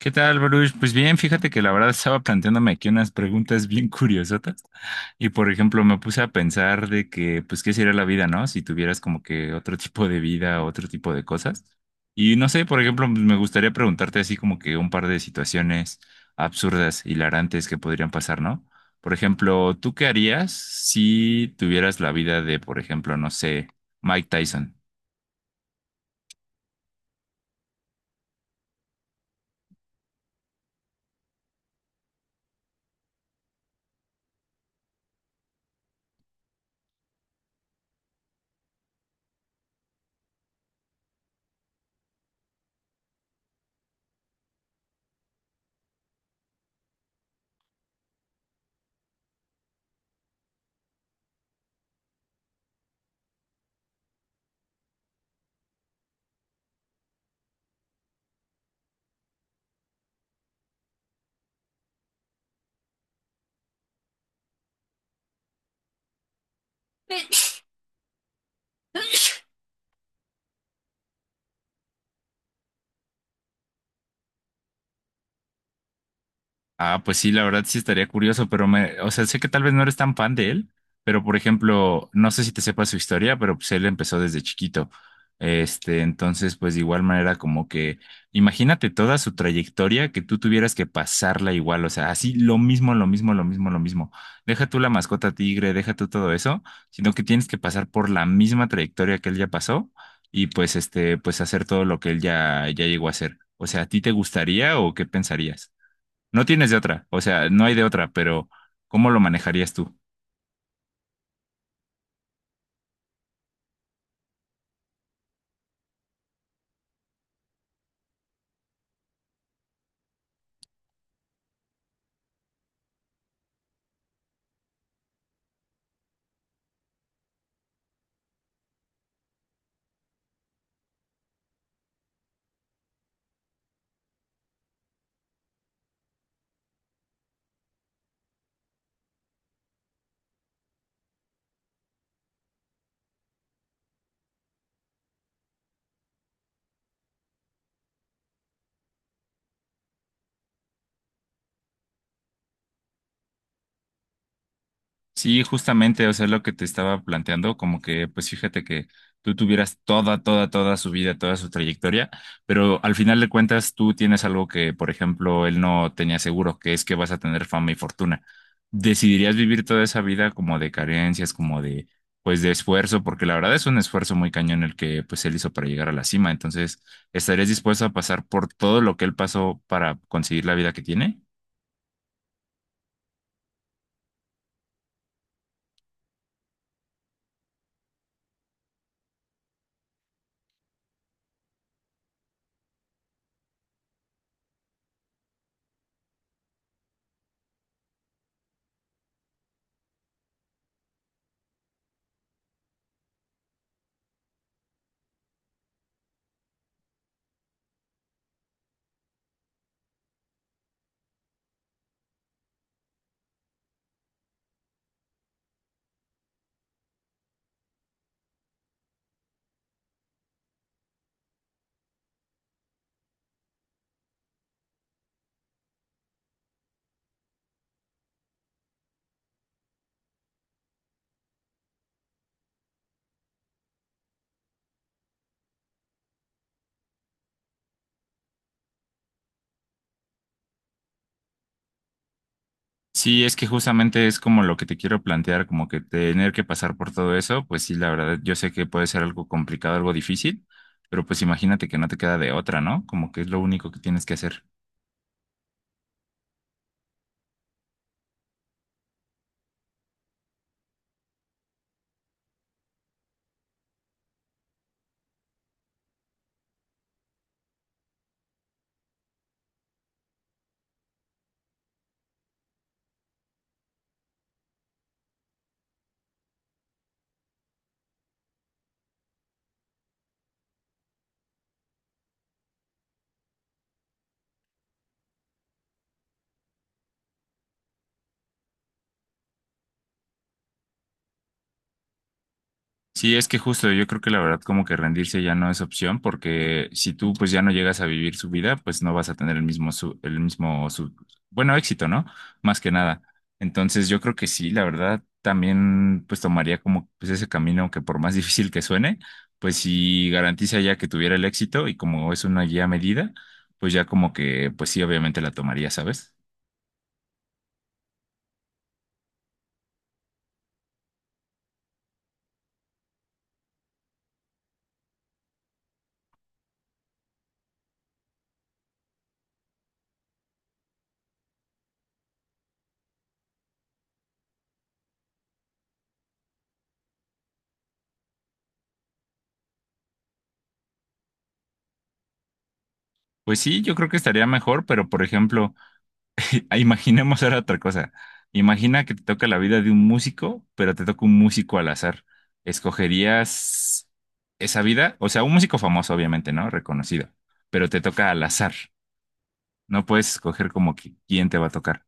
¿Qué tal, Baruch? Pues bien, fíjate que la verdad estaba planteándome aquí unas preguntas bien curiosotas y por ejemplo me puse a pensar de que pues qué sería la vida, ¿no? Si tuvieras como que otro tipo de vida, otro tipo de cosas. Y no sé, por ejemplo, pues, me gustaría preguntarte así como que un par de situaciones absurdas, hilarantes que podrían pasar, ¿no? Por ejemplo, ¿tú qué harías si tuvieras la vida de, por ejemplo, no sé, Mike Tyson? Ah, pues sí, la verdad sí estaría curioso, pero me, o sea, sé que tal vez no eres tan fan de él, pero por ejemplo, no sé si te sepas su historia, pero pues él empezó desde chiquito. Este, entonces, pues de igual manera como que, imagínate toda su trayectoria que tú tuvieras que pasarla igual, o sea, así lo mismo, lo mismo, lo mismo, lo mismo. Deja tú la mascota tigre, deja tú todo eso, sino que tienes que pasar por la misma trayectoria que él ya pasó y pues este, pues hacer todo lo que él ya llegó a hacer. O sea, ¿a ti te gustaría o qué pensarías? No tienes de otra, o sea, no hay de otra, pero ¿cómo lo manejarías tú? Sí, justamente, o sea, lo que te estaba planteando, como que, pues fíjate que tú tuvieras toda su vida, toda su trayectoria, pero al final de cuentas tú tienes algo que, por ejemplo, él no tenía seguro, que es que vas a tener fama y fortuna. ¿Decidirías vivir toda esa vida como de carencias, como de, pues, de esfuerzo? Porque la verdad es un esfuerzo muy cañón el que, pues, él hizo para llegar a la cima. Entonces, ¿estarías dispuesto a pasar por todo lo que él pasó para conseguir la vida que tiene? Sí, es que justamente es como lo que te quiero plantear, como que tener que pasar por todo eso, pues sí, la verdad, yo sé que puede ser algo complicado, algo difícil, pero pues imagínate que no te queda de otra, ¿no? Como que es lo único que tienes que hacer. Sí, es que justo yo creo que la verdad como que rendirse ya no es opción porque si tú pues ya no llegas a vivir su vida, pues no vas a tener el mismo éxito, ¿no? Más que nada. Entonces yo creo que sí, la verdad también pues tomaría como pues ese camino que por más difícil que suene, pues sí garantiza ya que tuviera el éxito y como es una guía medida, pues ya como que pues sí obviamente la tomaría, ¿sabes? Pues sí, yo creo que estaría mejor, pero por ejemplo, ah, imaginemos ahora otra cosa. Imagina que te toca la vida de un músico, pero te toca un músico al azar. ¿Escogerías esa vida? O sea, un músico famoso, obviamente, ¿no? Reconocido, pero te toca al azar. No puedes escoger como que quién te va a tocar.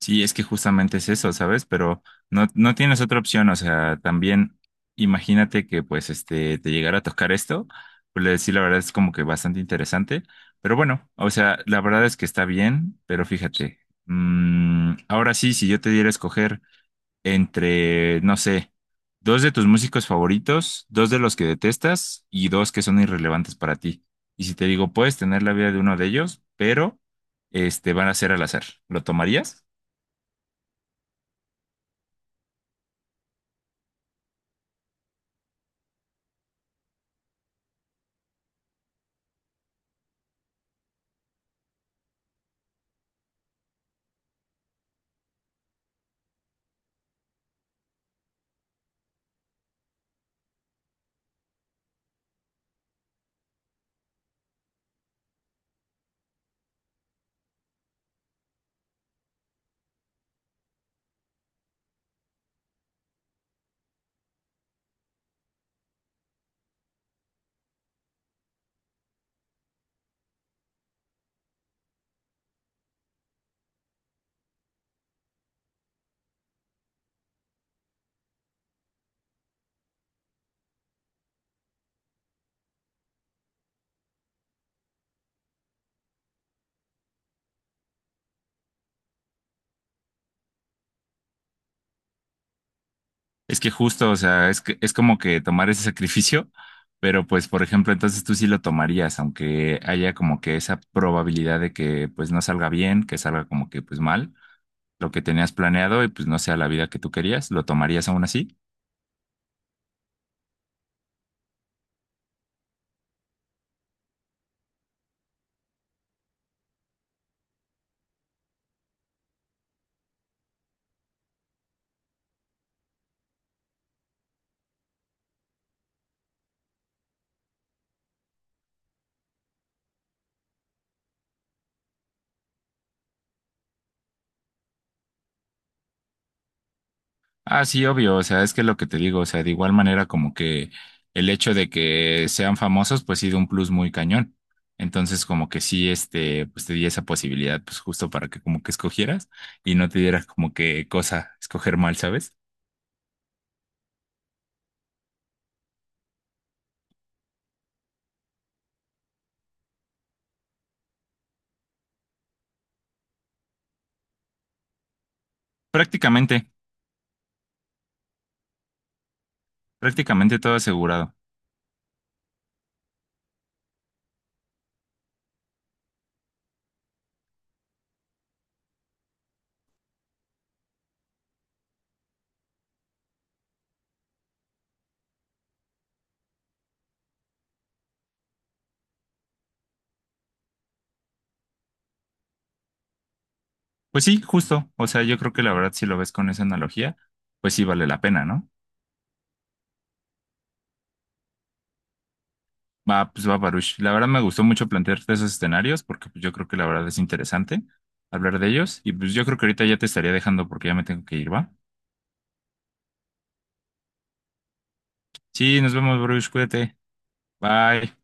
Sí, es que justamente es eso, ¿sabes? Pero no tienes otra opción, o sea, también imagínate que pues este te llegara a tocar esto, pues le decía, la verdad es como que bastante interesante, pero bueno, o sea, la verdad es que está bien, pero fíjate, ahora sí, si yo te diera a escoger entre, no sé, dos de tus músicos favoritos, dos de los que detestas y dos que son irrelevantes para ti. Y si te digo, puedes tener la vida de uno de ellos, pero este van a ser al azar, ¿lo tomarías? Es que justo, o sea, es que es como que tomar ese sacrificio, pero pues, por ejemplo, entonces tú sí lo tomarías, aunque haya como que esa probabilidad de que pues no salga bien, que salga como que pues mal, lo que tenías planeado y pues no sea la vida que tú querías, ¿lo tomarías aún así? Ah, sí, obvio, o sea, es que lo que te digo, o sea, de igual manera como que el hecho de que sean famosos, pues sí da un plus muy cañón. Entonces, como que sí, este, pues te di esa posibilidad, pues justo para que como que escogieras y no te diera como que cosa escoger mal, ¿sabes? Prácticamente, prácticamente todo asegurado. Pues sí, justo. O sea, yo creo que la verdad, si lo ves con esa analogía, pues sí vale la pena, ¿no? Va, pues va, Baruch. La verdad me gustó mucho plantearte esos escenarios porque pues, yo creo que la verdad es interesante hablar de ellos. Y pues yo creo que ahorita ya te estaría dejando porque ya me tengo que ir, ¿va? Sí, nos vemos, Baruch. Cuídate. Bye.